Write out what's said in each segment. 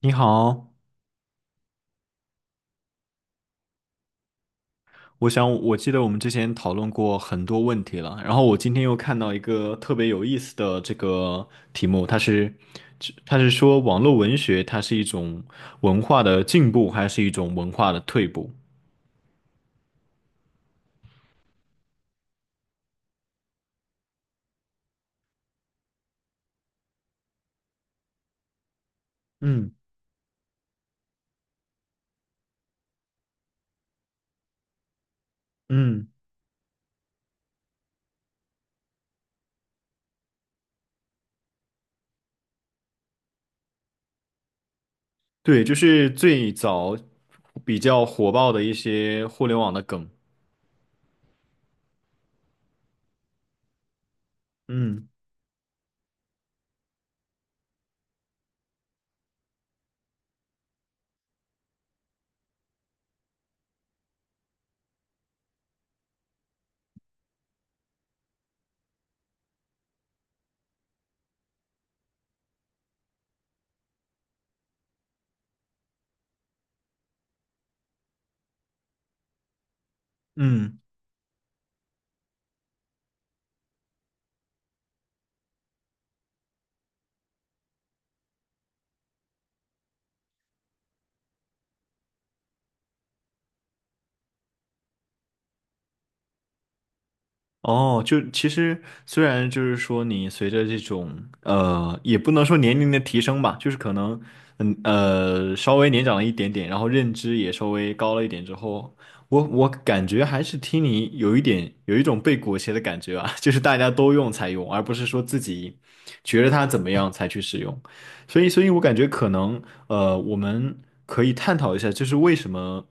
你好，我想我记得我们之前讨论过很多问题了，然后我今天又看到一个特别有意思的这个题目，它是说网络文学它是一种文化的进步还是一种文化的退步？嗯。嗯，对，就是最早比较火爆的一些互联网的梗。嗯。嗯。哦，就其实虽然就是说你随着这种也不能说年龄的提升吧，就是可能稍微年长了一点点，然后认知也稍微高了一点之后，我感觉还是听你有一种被裹挟的感觉啊，就是大家都用才用，而不是说自己觉得它怎么样才去使用。所以，我感觉可能，我们可以探讨一下，就是为什么，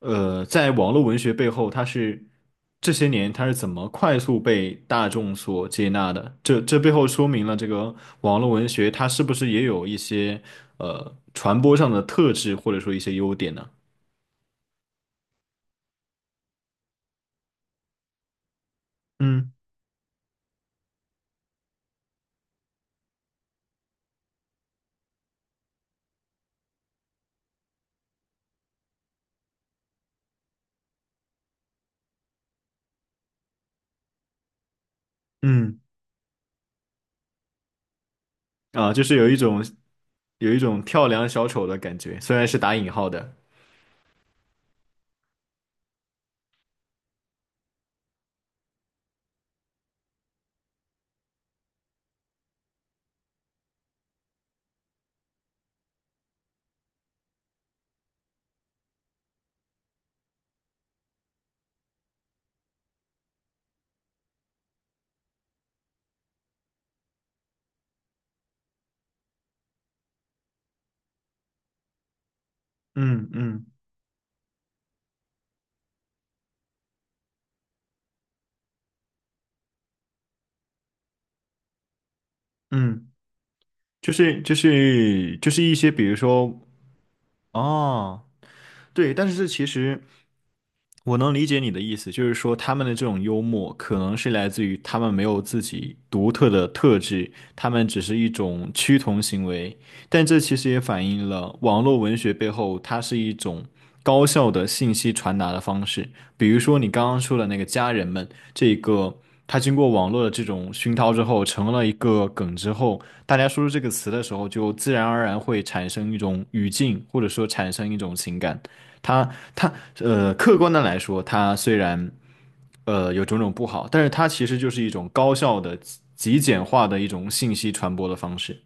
在网络文学背后，这些年它是怎么快速被大众所接纳的？这背后说明了这个网络文学它是不是也有一些传播上的特质，或者说一些优点呢？嗯。嗯，啊，有一种跳梁小丑的感觉，虽然是打引号的。嗯。嗯。嗯，就是一些，比如说哦，对，但是这其实，我能理解你的意思，就是说他们的这种幽默可能是来自于他们没有自己独特的特质，他们只是一种趋同行为。但这其实也反映了网络文学背后它是一种高效的信息传达的方式。比如说你刚刚说的那个家人们，这个他经过网络的这种熏陶之后，成了一个梗之后，大家说出这个词的时候，就自然而然会产生一种语境，或者说产生一种情感。它它客观的来说，它虽然有种种不好，但是它其实就是一种高效的、极简化的一种信息传播的方式。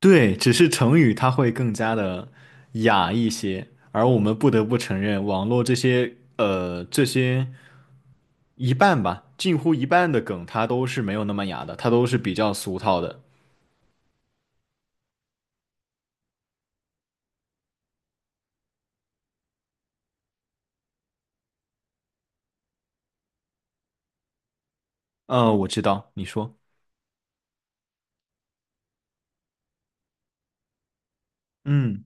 对，只是成语它会更加的雅一些，而我们不得不承认，网络这些这些一半吧，近乎一半的梗，它都是没有那么雅的，它都是比较俗套的。我知道，你说，嗯。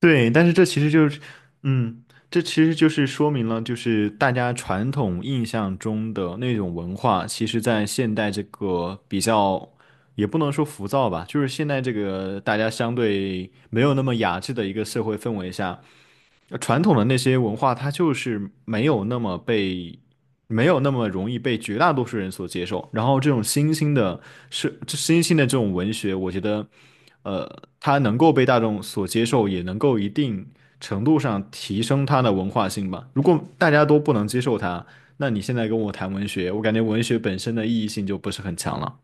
对，但是这其实就是，嗯，这其实就是说明了，就是大家传统印象中的那种文化，其实在现代这个比较，也不能说浮躁吧，就是现在这个大家相对没有那么雅致的一个社会氛围下，传统的那些文化，它就是没有那么被，没有那么容易被绝大多数人所接受。然后这种新兴的，新兴的这种文学，我觉得，它能够被大众所接受，也能够一定程度上提升它的文化性吧。如果大家都不能接受它，那你现在跟我谈文学，我感觉文学本身的意义性就不是很强了。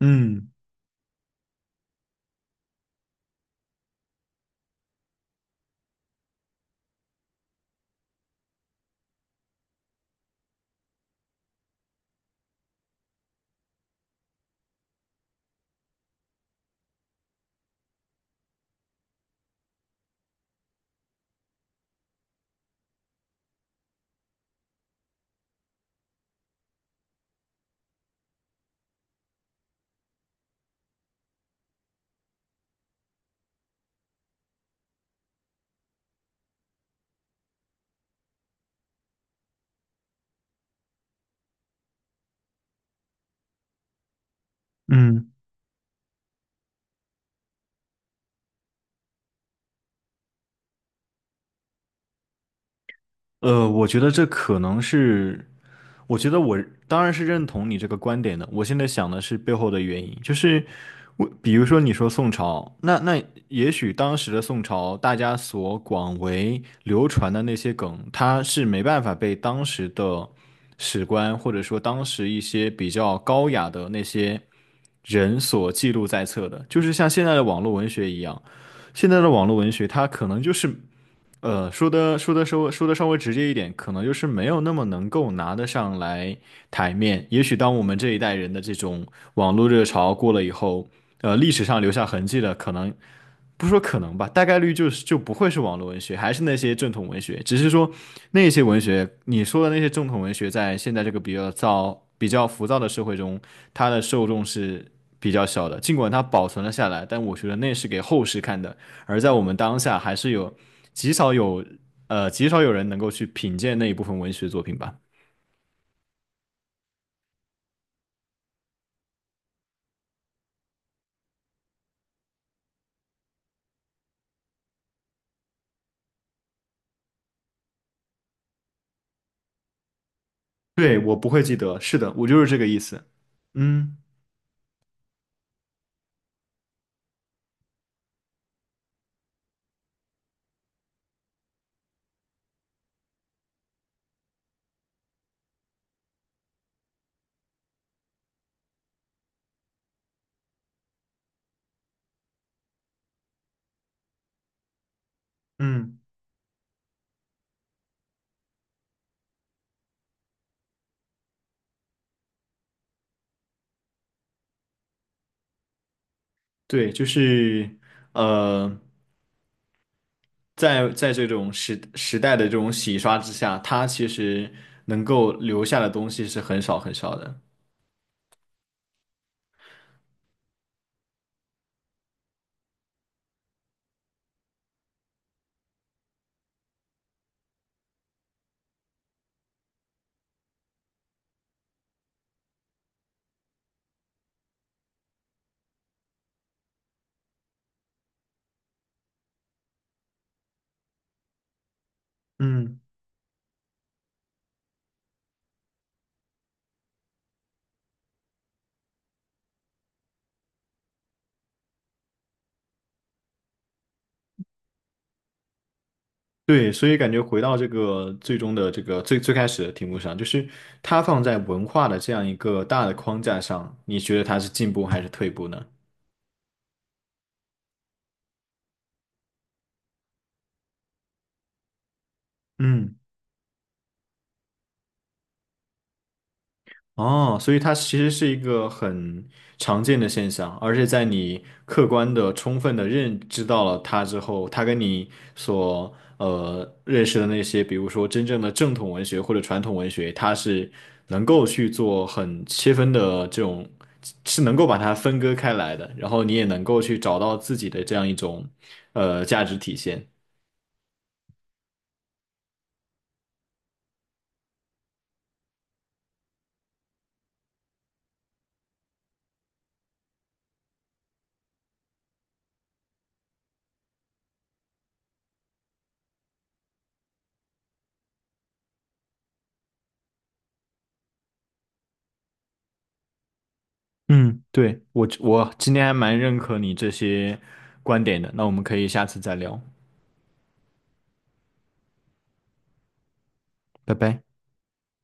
嗯。嗯，我觉得这可能是我觉得我当然是认同你这个观点的。我现在想的是背后的原因，就是我比如说你说宋朝，那也许当时的宋朝，大家所广为流传的那些梗，它是没办法被当时的史官或者说当时一些比较高雅的那些人所记录在册的，就是像现在的网络文学一样。现在的网络文学，它可能就是说的稍微直接一点，可能就是没有那么能够拿得上来台面。也许当我们这一代人的这种网络热潮过了以后，历史上留下痕迹的可能不说可能吧，大概率就是就不会是网络文学，还是那些正统文学，只是说那些文学，你说的那些正统文学，在现在这个比较躁、比较浮躁的社会中，它的受众是比较小的。尽管它保存了下来，但我觉得那是给后世看的，而在我们当下，还是有极少有极少有人能够去品鉴那一部分文学作品吧。对，我不会记得，是的，我就是这个意思。嗯。嗯，对，就是，呃，在这种时代的这种洗刷之下，它其实能够留下的东西是很少很少的。嗯，对，所以感觉回到这个最终的这个最最开始的题目上，就是它放在文化的这样一个大的框架上，你觉得它是进步还是退步呢？嗯。哦，所以它其实是一个很常见的现象，而且在你客观的、充分的认知到了它之后，它跟你所认识的那些，比如说真正的正统文学或者传统文学，它是能够去做很切分的这种，是能够把它分割开来的，然后你也能够去找到自己的这样一种价值体现。嗯，对，我今天还蛮认可你这些观点的，那我们可以下次再聊，拜拜。